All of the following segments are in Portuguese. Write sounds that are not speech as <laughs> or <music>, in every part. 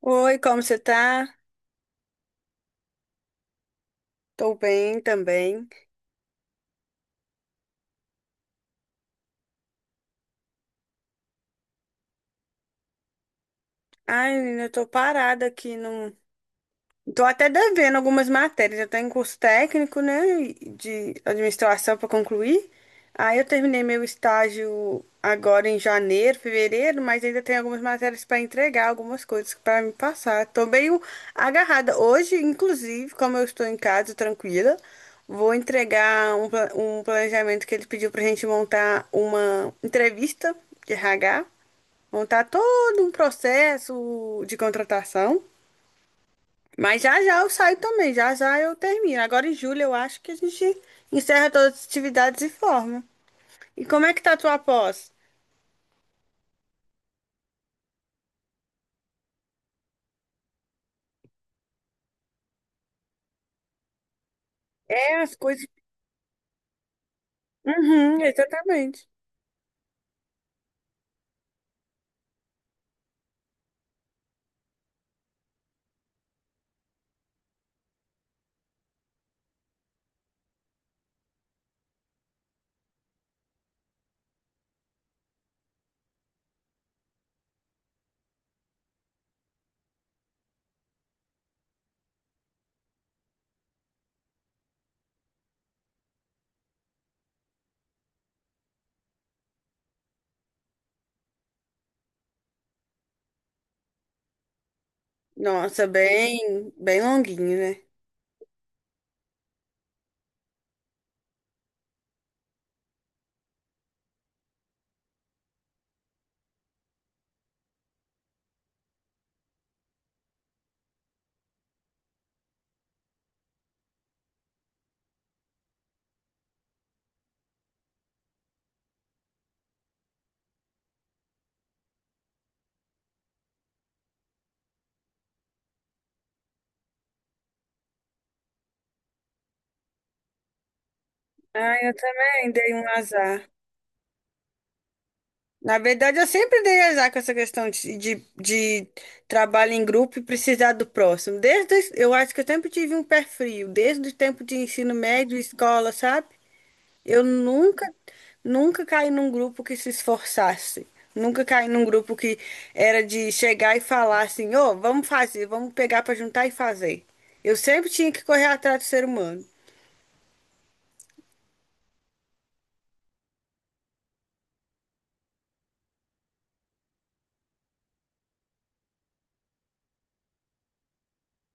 Oi, como você tá? Tô bem também. Ai, menina, eu tô parada aqui num, tô até devendo algumas matérias. Eu tô em curso técnico, né, de administração para concluir. Aí eu terminei meu estágio agora em janeiro, fevereiro, mas ainda tem algumas matérias para entregar, algumas coisas para me passar. Tô meio agarrada. Hoje, inclusive, como eu estou em casa tranquila, vou entregar um, um planejamento que ele pediu pra gente montar uma entrevista de RH, montar todo um processo de contratação. Mas já já eu saio também, já já eu termino. Agora em julho eu acho que a gente encerra todas as atividades e forma. E como é que tá a tua pós? É, as coisas. Uhum, exatamente. Nossa, bem, bem longuinho, né? Ah, eu também dei um azar. Na verdade, eu sempre dei azar com essa questão de trabalho em grupo e precisar do próximo. Desde, eu acho que eu sempre tive um pé frio, desde o tempo de ensino médio, escola, sabe? Eu nunca, nunca caí num grupo que se esforçasse. Nunca caí num grupo que era de chegar e falar assim, ô, vamos fazer, vamos pegar pra juntar e fazer. Eu sempre tinha que correr atrás do ser humano.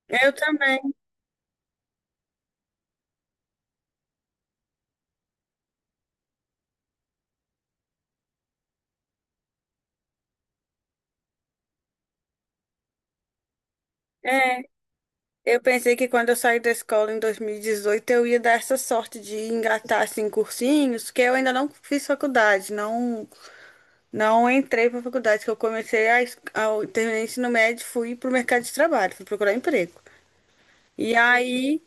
Eu também. É, eu pensei que quando eu saí da escola em 2018 eu ia dar essa sorte de engatar assim cursinhos, que eu ainda não fiz faculdade, não entrei para faculdade, que eu comecei ao terminar o ensino médio, fui pro mercado de trabalho, fui procurar emprego. E aí,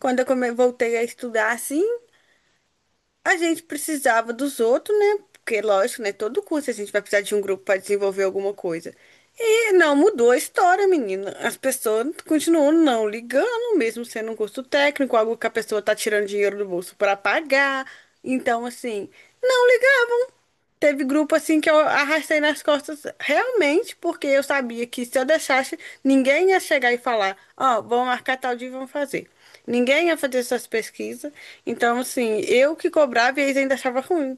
quando eu voltei a estudar assim, a gente precisava dos outros, né? Porque, lógico, né? Todo curso a gente vai precisar de um grupo para desenvolver alguma coisa. E não mudou a história, menina. As pessoas continuam não ligando, mesmo sendo um curso técnico, algo que a pessoa tá tirando dinheiro do bolso para pagar. Então, assim, não ligavam. Teve grupo assim que eu arrastei nas costas realmente, porque eu sabia que se eu deixasse, ninguém ia chegar e falar, ó, vamos marcar tal dia e vamos fazer. Ninguém ia fazer essas pesquisas. Então, assim, eu que cobrava e eles ainda achavam ruim.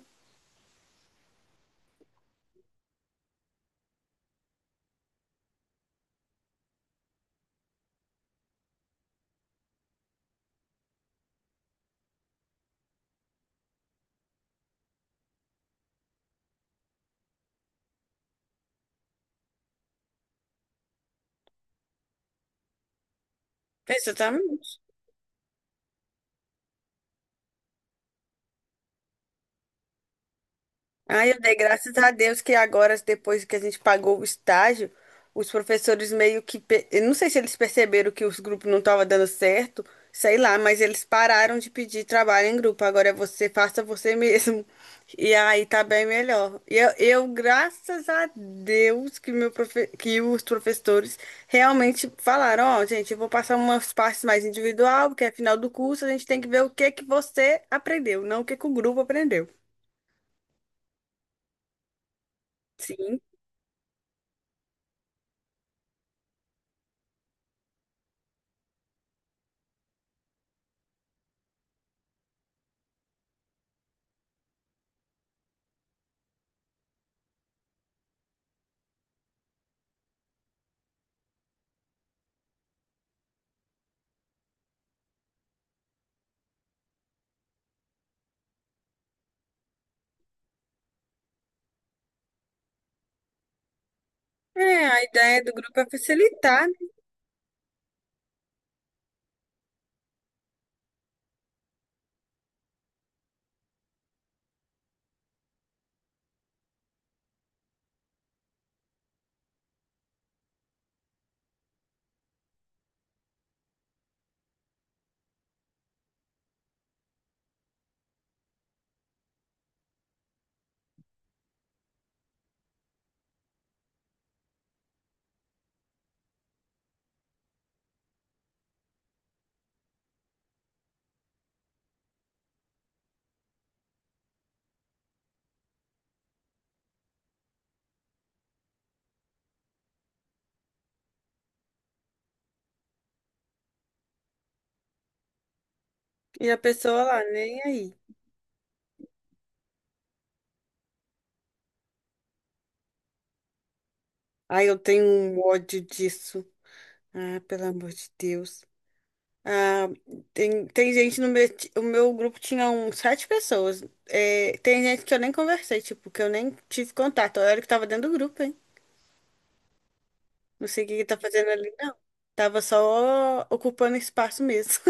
Exatamente. Ai, eu dei graças a Deus que agora, depois que a gente pagou o estágio, os professores meio que. Eu não sei se eles perceberam que os grupos não estavam dando certo, sei lá, mas eles pararam de pedir trabalho em grupo. Agora é você, faça você <laughs> mesmo. E aí tá bem melhor. E graças a Deus, que, que os professores realmente falaram: Ó, gente, eu vou passar umas partes mais individual, porque é final do curso, a gente tem que ver o que que você aprendeu, não o que que o grupo aprendeu. Sim. É, a ideia do grupo é facilitar, né? E a pessoa lá, nem aí. Ai, eu tenho um ódio disso. Ah, pelo amor de Deus. Ah, tem gente no meu. O meu grupo tinha uns sete pessoas. É, tem gente que eu nem conversei, tipo, que eu nem tive contato. Eu era que tava dentro do grupo, hein? Não sei o que que tá fazendo ali, não. Tava só ocupando espaço mesmo.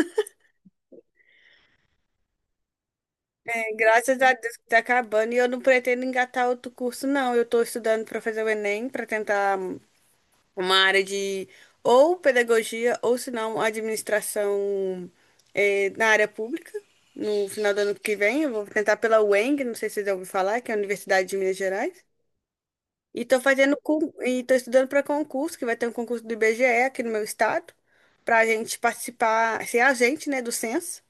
<laughs> graças a Deus que tá acabando. E eu não pretendo engatar outro curso, não. Eu tô estudando pra fazer o Enem, pra tentar uma área de ou pedagogia ou se não administração na área pública. No final do ano que vem, eu vou tentar pela UENG, não sei se vocês já ouviram falar, que é a Universidade de Minas Gerais. E estou fazendo e estou estudando para concurso, que vai ter um concurso do IBGE aqui no meu estado, para a gente participar, ser agente, né, do censo.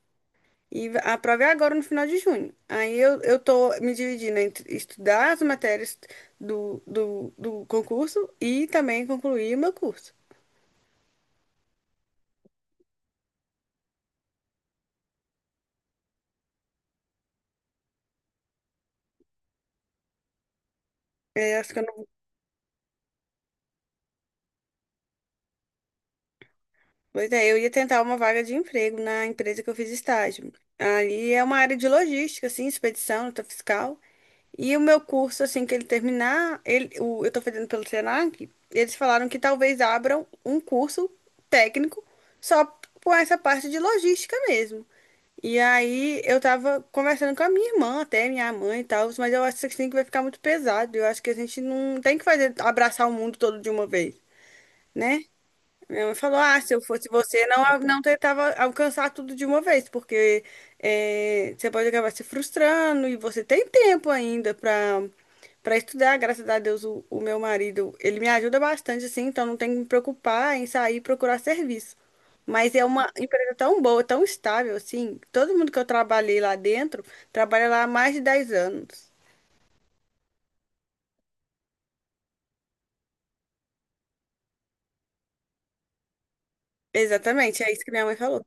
E a prova é agora no final de junho. Aí eu tô me dividindo entre estudar as matérias do concurso e também concluir o meu curso. É, acho que eu não... Pois é, eu ia tentar uma vaga de emprego na empresa que eu fiz estágio. Ali é uma área de logística, assim, expedição, nota fiscal. E o meu curso, assim, que ele terminar, ele, o, eu estou fazendo pelo Senac, eles falaram que talvez abram um curso técnico só com essa parte de logística mesmo. E aí eu tava conversando com a minha irmã, até minha mãe e tal, mas eu acho que assim que vai ficar muito pesado. Eu acho que a gente não tem que fazer, abraçar o mundo todo de uma vez. Né? Minha mãe falou: Ah, se eu fosse você, não, não tentava alcançar tudo de uma vez, porque você pode acabar se frustrando e você tem tempo ainda para para estudar. Graças a Deus, o meu marido, ele me ajuda bastante, assim, então não tem que me preocupar em sair e procurar serviço. Mas é uma empresa tão boa, tão estável, assim. Todo mundo que eu trabalhei lá dentro trabalha lá há mais de 10 anos. Exatamente, é isso que minha mãe falou.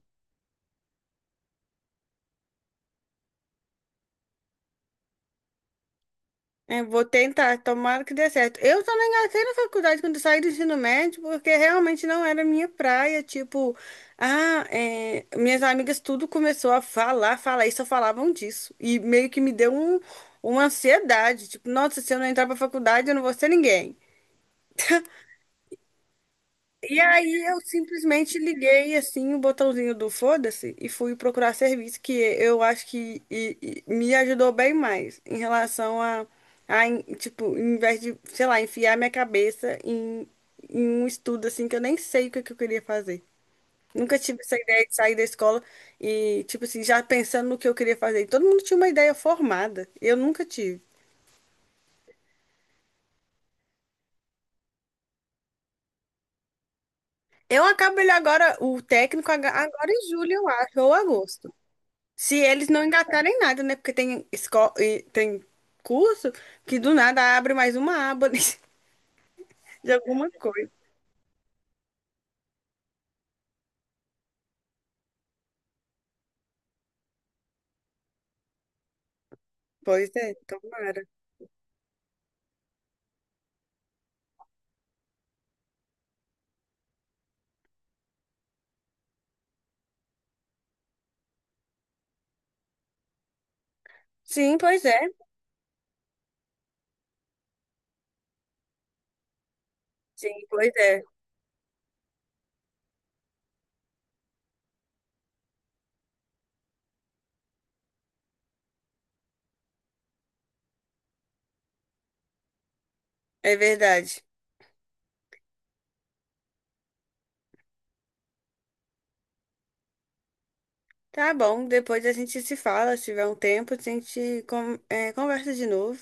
É, vou tentar, tomara que dê certo. Eu só não engatei na faculdade quando eu saí do ensino médio, porque realmente não era minha praia. Tipo, minhas amigas tudo começou a falar, falar, e só falavam disso. E meio que me deu um, uma ansiedade. Tipo, nossa, se eu não entrar pra faculdade, eu não vou ser ninguém. E aí eu simplesmente liguei assim o botãozinho do foda-se e fui procurar serviço, que eu acho que e me ajudou bem mais em relação tipo, em vez de, sei lá, enfiar minha cabeça em um estudo assim que eu nem sei o que, que eu queria fazer. Nunca tive essa ideia de sair da escola e, tipo assim, já pensando no que eu queria fazer. E todo mundo tinha uma ideia formada. Eu nunca tive. Eu acabo ele agora, o técnico, agora em julho, eu acho, ou agosto. Se eles não engatarem nada, né? Porque tem escola e tem curso que do nada abre mais uma aba <laughs> de alguma coisa. Pois é, tomara. Sim, pois é. Sim, pois é. É verdade. Tá bom, depois a gente se fala, se tiver um tempo, a gente conversa de novo.